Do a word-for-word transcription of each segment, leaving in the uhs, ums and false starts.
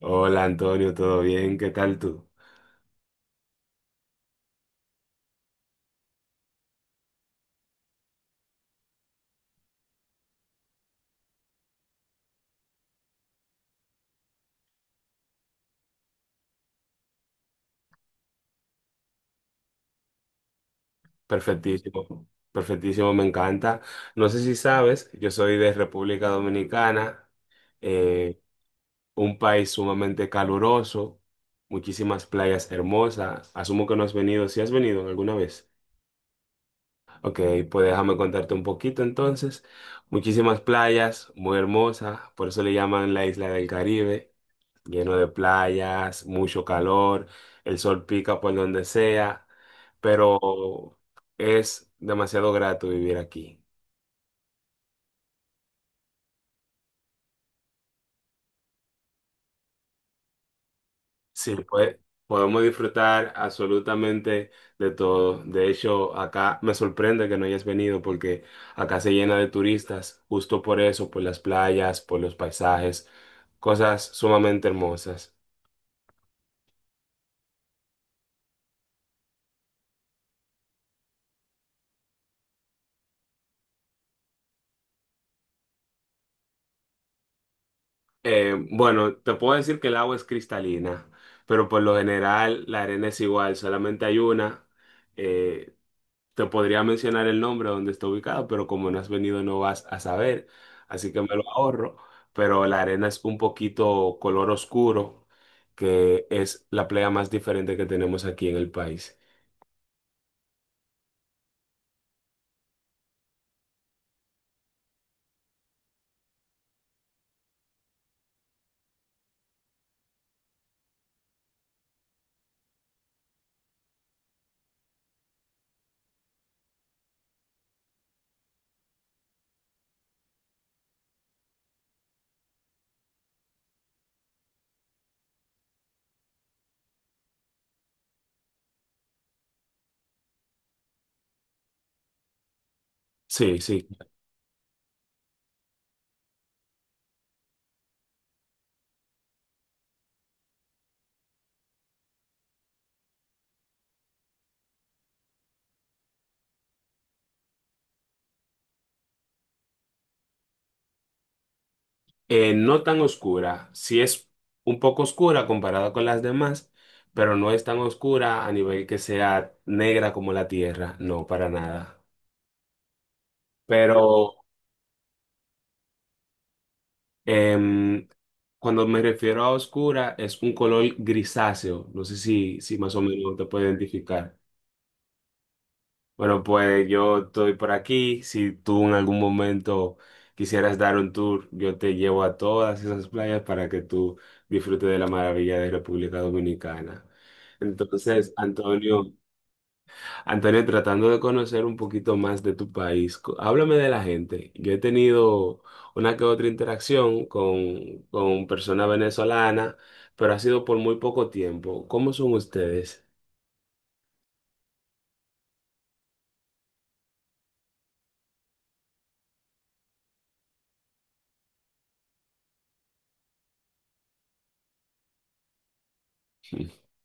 Hola Antonio, ¿todo bien? ¿Qué tal tú? Perfectísimo, perfectísimo, me encanta. No sé si sabes, yo soy de República Dominicana, eh, un país sumamente caluroso, muchísimas playas hermosas. Asumo que no has venido, si has venido alguna vez. Ok, pues déjame contarte un poquito entonces. Muchísimas playas, muy hermosas, por eso le llaman la isla del Caribe. Lleno de playas, mucho calor, el sol pica por donde sea, pero es demasiado grato vivir aquí. Sí, pues podemos disfrutar absolutamente de todo. De hecho, acá me sorprende que no hayas venido porque acá se llena de turistas, justo por eso, por las playas, por los paisajes, cosas sumamente hermosas. Eh, bueno, te puedo decir que el agua es cristalina, pero por lo general la arena es igual, solamente hay una. Eh, te podría mencionar el nombre donde está ubicado, pero como no has venido no vas a saber, así que me lo ahorro. Pero la arena es un poquito color oscuro, que es la playa más diferente que tenemos aquí en el país. Sí, sí. Eh, no tan oscura, sí es un poco oscura comparada con las demás, pero no es tan oscura a nivel que sea negra como la tierra, no, para nada. Pero em, cuando me refiero a oscura, es un color grisáceo, no sé si, si más o menos te puede identificar. Bueno, pues yo estoy por aquí. Si tú en algún momento quisieras dar un tour, yo te llevo a todas esas playas para que tú disfrutes de la maravilla de República Dominicana. Entonces, Antonio, Antonio, tratando de conocer un poquito más de tu país, co- háblame de la gente. Yo he tenido una que otra interacción con, con personas venezolanas, pero ha sido por muy poco tiempo. ¿Cómo son ustedes?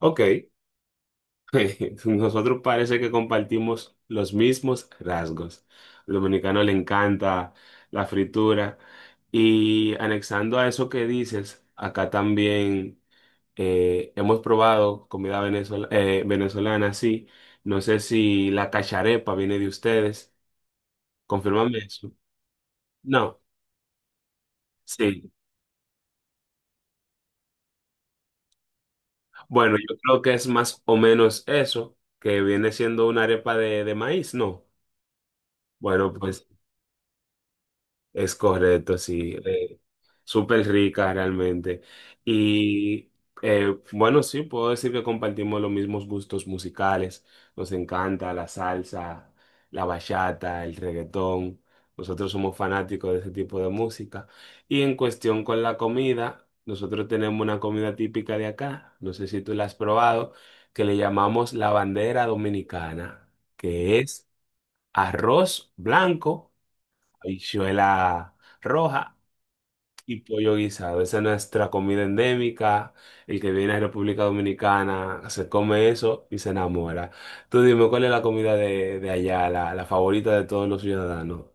Ok. Nosotros parece que compartimos los mismos rasgos. Al dominicano le encanta la fritura. Y anexando a eso que dices, acá también eh, hemos probado comida venezol- eh, venezolana, sí. No sé si la cacharepa viene de ustedes. Confírmame eso. No, sí. Bueno, yo creo que es más o menos eso, que viene siendo una arepa de, de maíz, ¿no? Bueno, pues. Es correcto, sí. Eh, súper rica realmente. Y eh, bueno, sí, puedo decir que compartimos los mismos gustos musicales. Nos encanta la salsa, la bachata, el reggaetón. Nosotros somos fanáticos de ese tipo de música. Y en cuestión con la comida, nosotros tenemos una comida típica de acá, no sé si tú la has probado, que le llamamos la bandera dominicana, que es arroz blanco, habichuela roja y pollo guisado. Esa es nuestra comida endémica. El que viene a República Dominicana se come eso y se enamora. Tú dime, ¿cuál es la comida de, de allá, la, la favorita de todos los ciudadanos?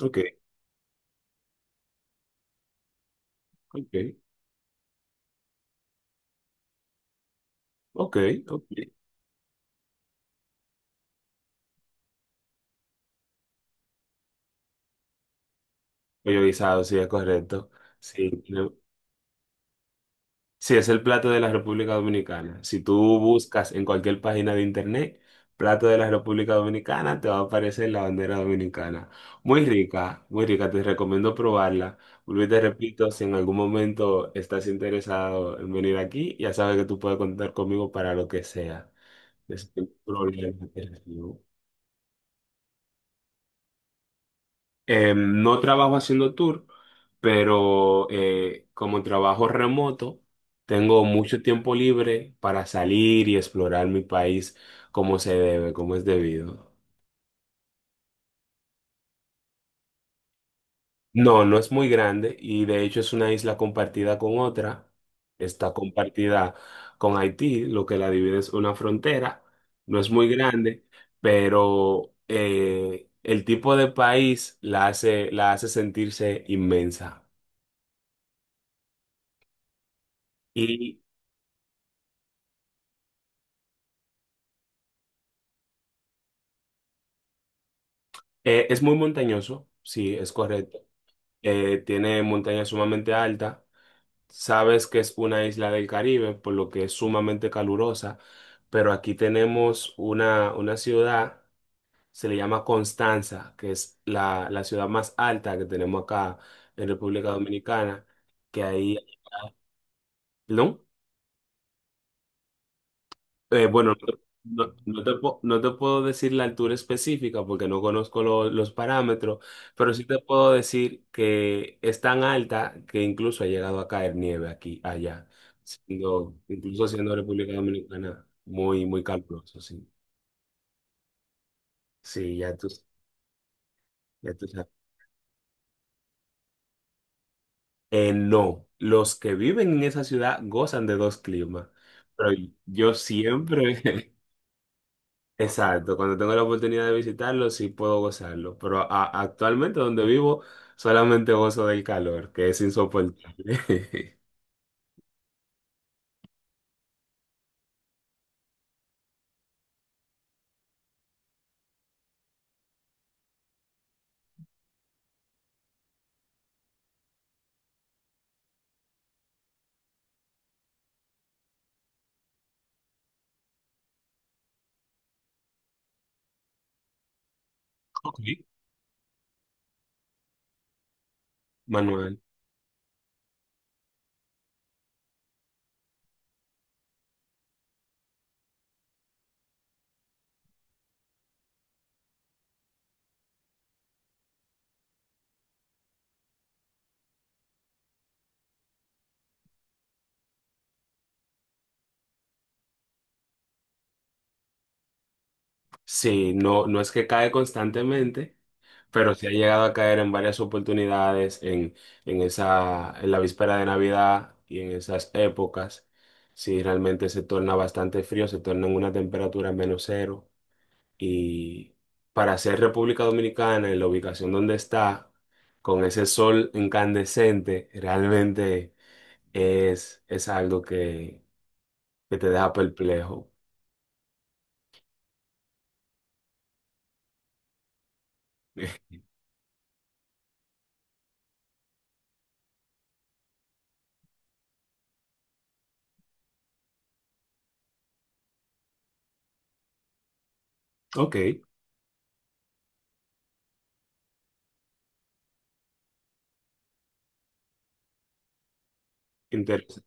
Ok, ok, ok, ok. Pollo guisado, sí, es correcto. Sí, sí, es el plato de la República Dominicana. Si tú buscas en cualquier página de internet, plato de la República Dominicana, te va a aparecer la bandera dominicana. Muy rica, muy rica, te recomiendo probarla. Vuelvo y te repito, si en algún momento estás interesado en venir aquí, ya sabes que tú puedes contar conmigo para lo que sea. Es un problema que recibo. Eh, no trabajo haciendo tour, pero eh, como trabajo remoto, tengo mucho tiempo libre para salir y explorar mi país como se debe, como es debido. No, no es muy grande y de hecho es una isla compartida con otra. Está compartida con Haití, lo que la divide es una frontera. No es muy grande, pero eh, el tipo de país la hace, la hace sentirse inmensa. Y Eh, es muy montañoso, sí, es correcto. Eh, tiene montañas sumamente altas. Sabes que es una isla del Caribe, por lo que es sumamente calurosa, pero aquí tenemos una, una ciudad, se le llama Constanza, que es la, la ciudad más alta que tenemos acá en República Dominicana, que ahí... ¿Perdón? Eh, bueno, no, no no te, po- no te puedo decir la altura específica porque no conozco lo- los parámetros, pero sí te puedo decir que es tan alta que incluso ha llegado a caer nieve aquí, allá, siendo, incluso siendo República Dominicana muy, muy caluroso, sí. Sí, ya tú, ya tú sabes. Eh, no, los que viven en esa ciudad gozan de dos climas, pero yo siempre, Exacto, cuando tengo la oportunidad de visitarlo, sí puedo gozarlo, pero a- actualmente donde vivo solamente gozo del calor, que es insoportable. Ok. Manuel, sí, no, no es que cae constantemente, pero sí ha llegado a caer en varias oportunidades en, en esa, en la víspera de Navidad y en esas épocas. Sí, realmente se torna bastante frío, se torna en una temperatura menos cero. Y para ser República Dominicana, en la ubicación donde está, con ese sol incandescente, realmente es, es algo que, que te deja perplejo. Ok, interesante.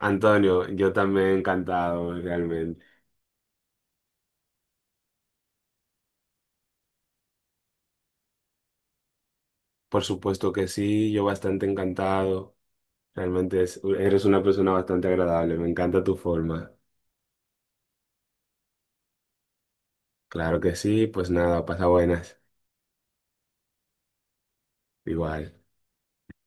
Antonio, yo también encantado, realmente. Por supuesto que sí, yo bastante encantado. Realmente es- eres una persona bastante agradable, me encanta tu forma. Claro que sí, pues nada, pasa buenas. Igual.